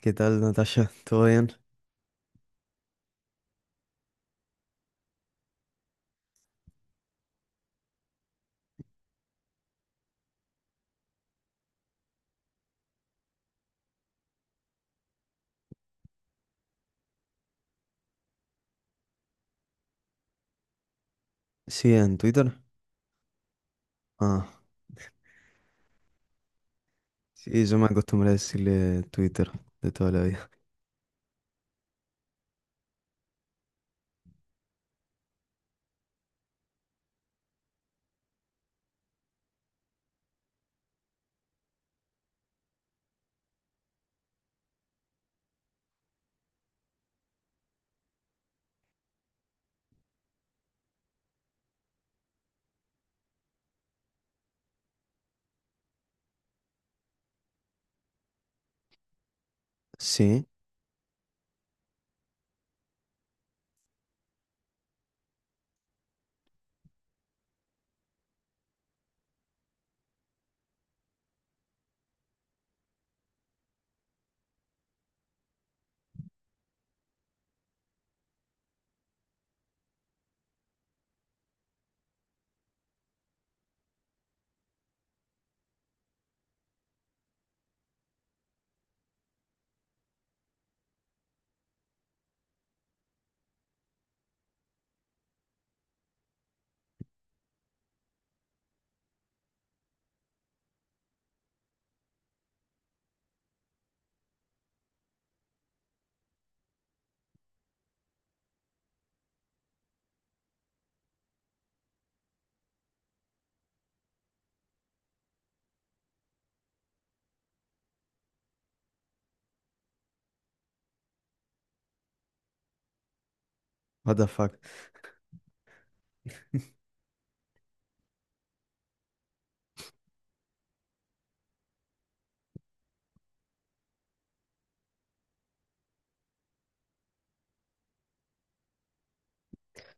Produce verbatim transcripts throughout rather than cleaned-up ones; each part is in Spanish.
¿Qué tal, Natasha? ¿Todo bien? Sí, en Twitter. Ah, sí, yo me acostumbré a decirle Twitter de toda la vida. Sí, what the fuck.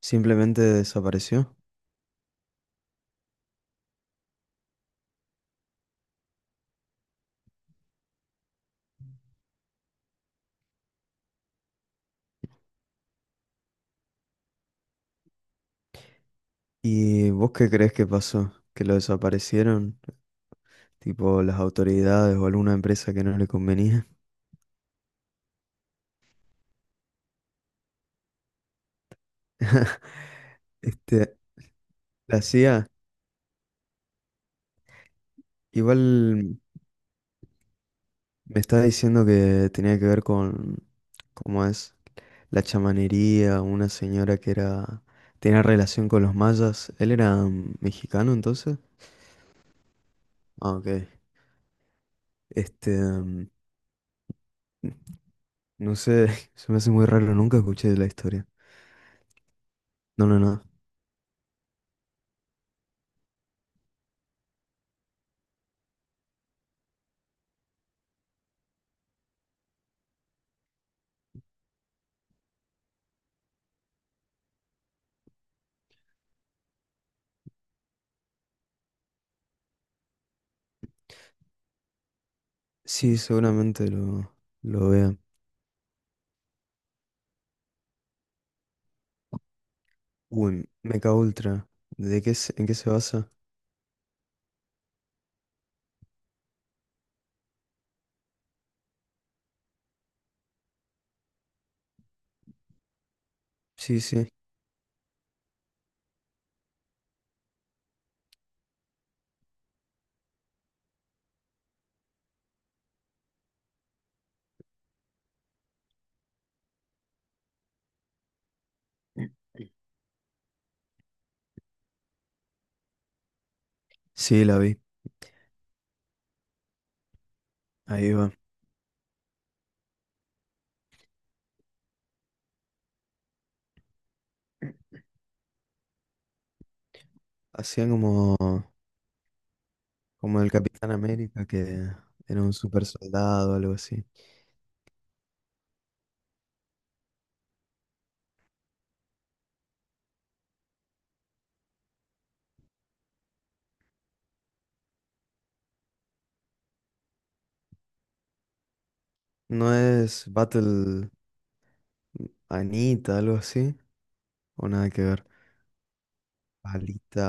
Simplemente desapareció. ¿Y vos qué crees que pasó? ¿Que lo desaparecieron? Tipo las autoridades o alguna empresa que no le convenía. Este, la C I A. Igual me está diciendo que tenía que ver con, ¿cómo es? La chamanería, una señora que era, tenía relación con los mayas. ¿Él era mm, mexicano entonces? Ah, ok. Este, mm, no sé, se me hace muy raro, nunca escuché de la historia. No, no, no. Sí, seguramente lo, lo vea. Uy, Mecha Ultra. ¿De qué se- ¿en qué se basa? Sí, sí. Sí, la vi. Ahí va. Hacían como como el Capitán América, que era un super soldado, algo así. ¿No es Battle Anita, algo así? ¿O nada que ver? Alita.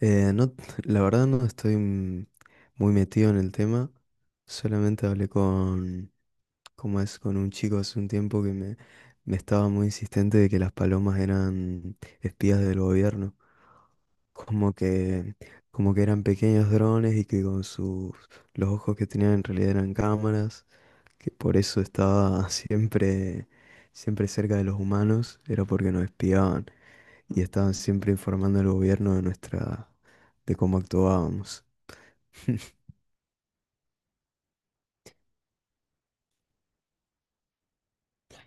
Eh, no, la verdad no estoy mm, muy metido en el tema. Solamente hablé con, como es, con un chico hace un tiempo que me, me estaba muy insistente de que las palomas eran espías del gobierno, como que, como que eran pequeños drones, y que con sus, los ojos que tenían en realidad eran cámaras, que por eso estaba siempre, siempre cerca de los humanos, era porque nos espiaban y estaban siempre informando al gobierno de nuestra, de cómo actuábamos.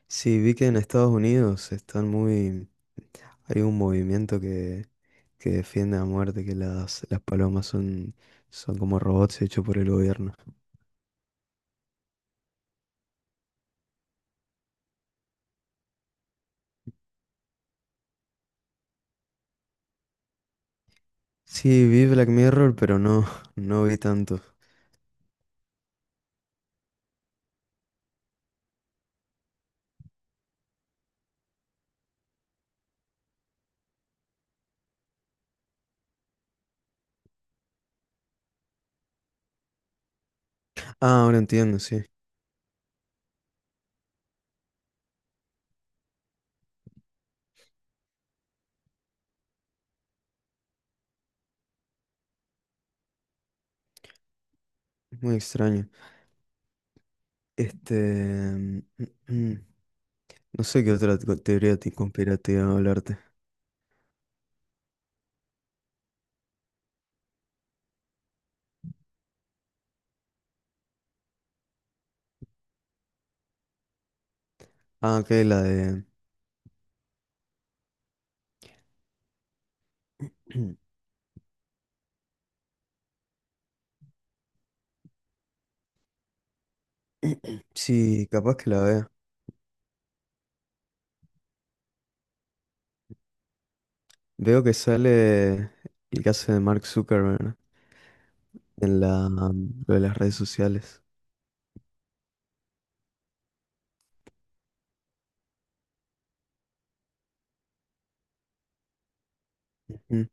Sí, vi que en Estados Unidos están muy... Hay un movimiento que, que defiende a muerte que las, las palomas son, son como robots hechos por el gobierno. Sí, vi Black Mirror, pero no, no vi tanto. Ah, ahora entiendo, sí. Muy extraño. Este... mm, mm, mm. No sé qué otra co- teoría te- Conspirativa hablarte. Ah, que la de... Sí, capaz que la vea. Veo que sale el caso de Mark Zuckerberg, ¿no? En la, mm, lo de las redes sociales. Ujú.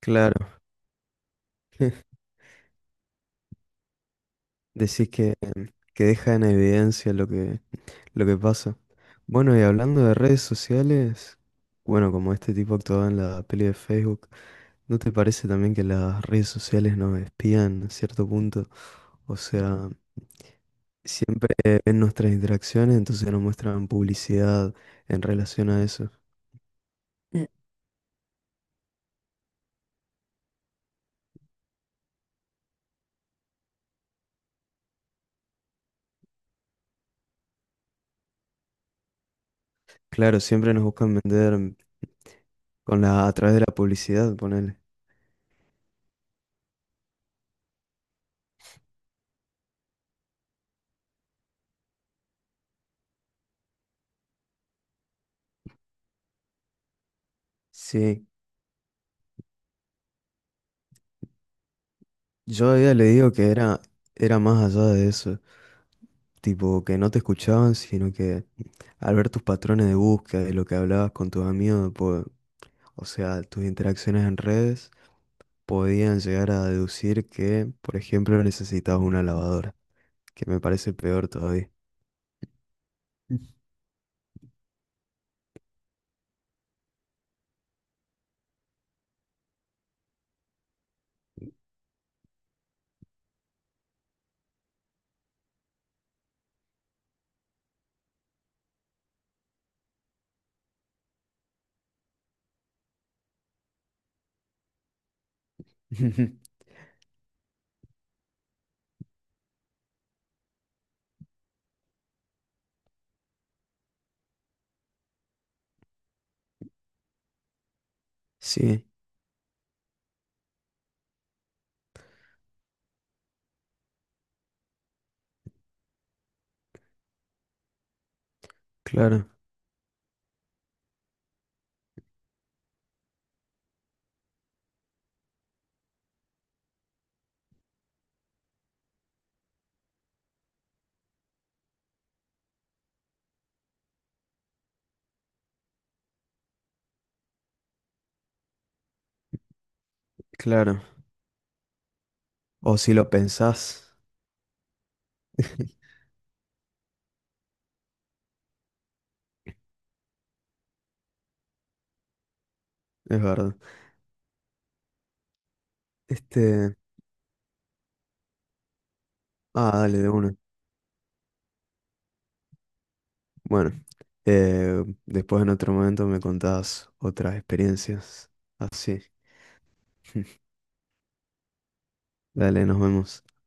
Claro. Decís que, que deja en evidencia lo que, lo que pasa. Bueno, y hablando de redes sociales, bueno, como este tipo actuaba en la peli de Facebook, ¿no te parece también que las redes sociales nos espían a cierto punto? O sea, siempre ven nuestras interacciones, entonces nos muestran publicidad en relación a eso. Mm. Claro, siempre nos buscan vender con la, a través de la publicidad, ponele. Sí, yo a ella le digo que era, era más allá de eso, tipo que no te escuchaban, sino que al ver tus patrones de búsqueda, de lo que hablabas con tus amigos, po- o sea, tus interacciones en redes, podían llegar a deducir que, por ejemplo, necesitabas una lavadora, que me parece peor todavía. Sí, claro, claro. O si lo pensás, es verdad. Este, ah, dale, de una. Bueno, eh, después en otro momento me contás otras experiencias. Así. Dale, nos vemos.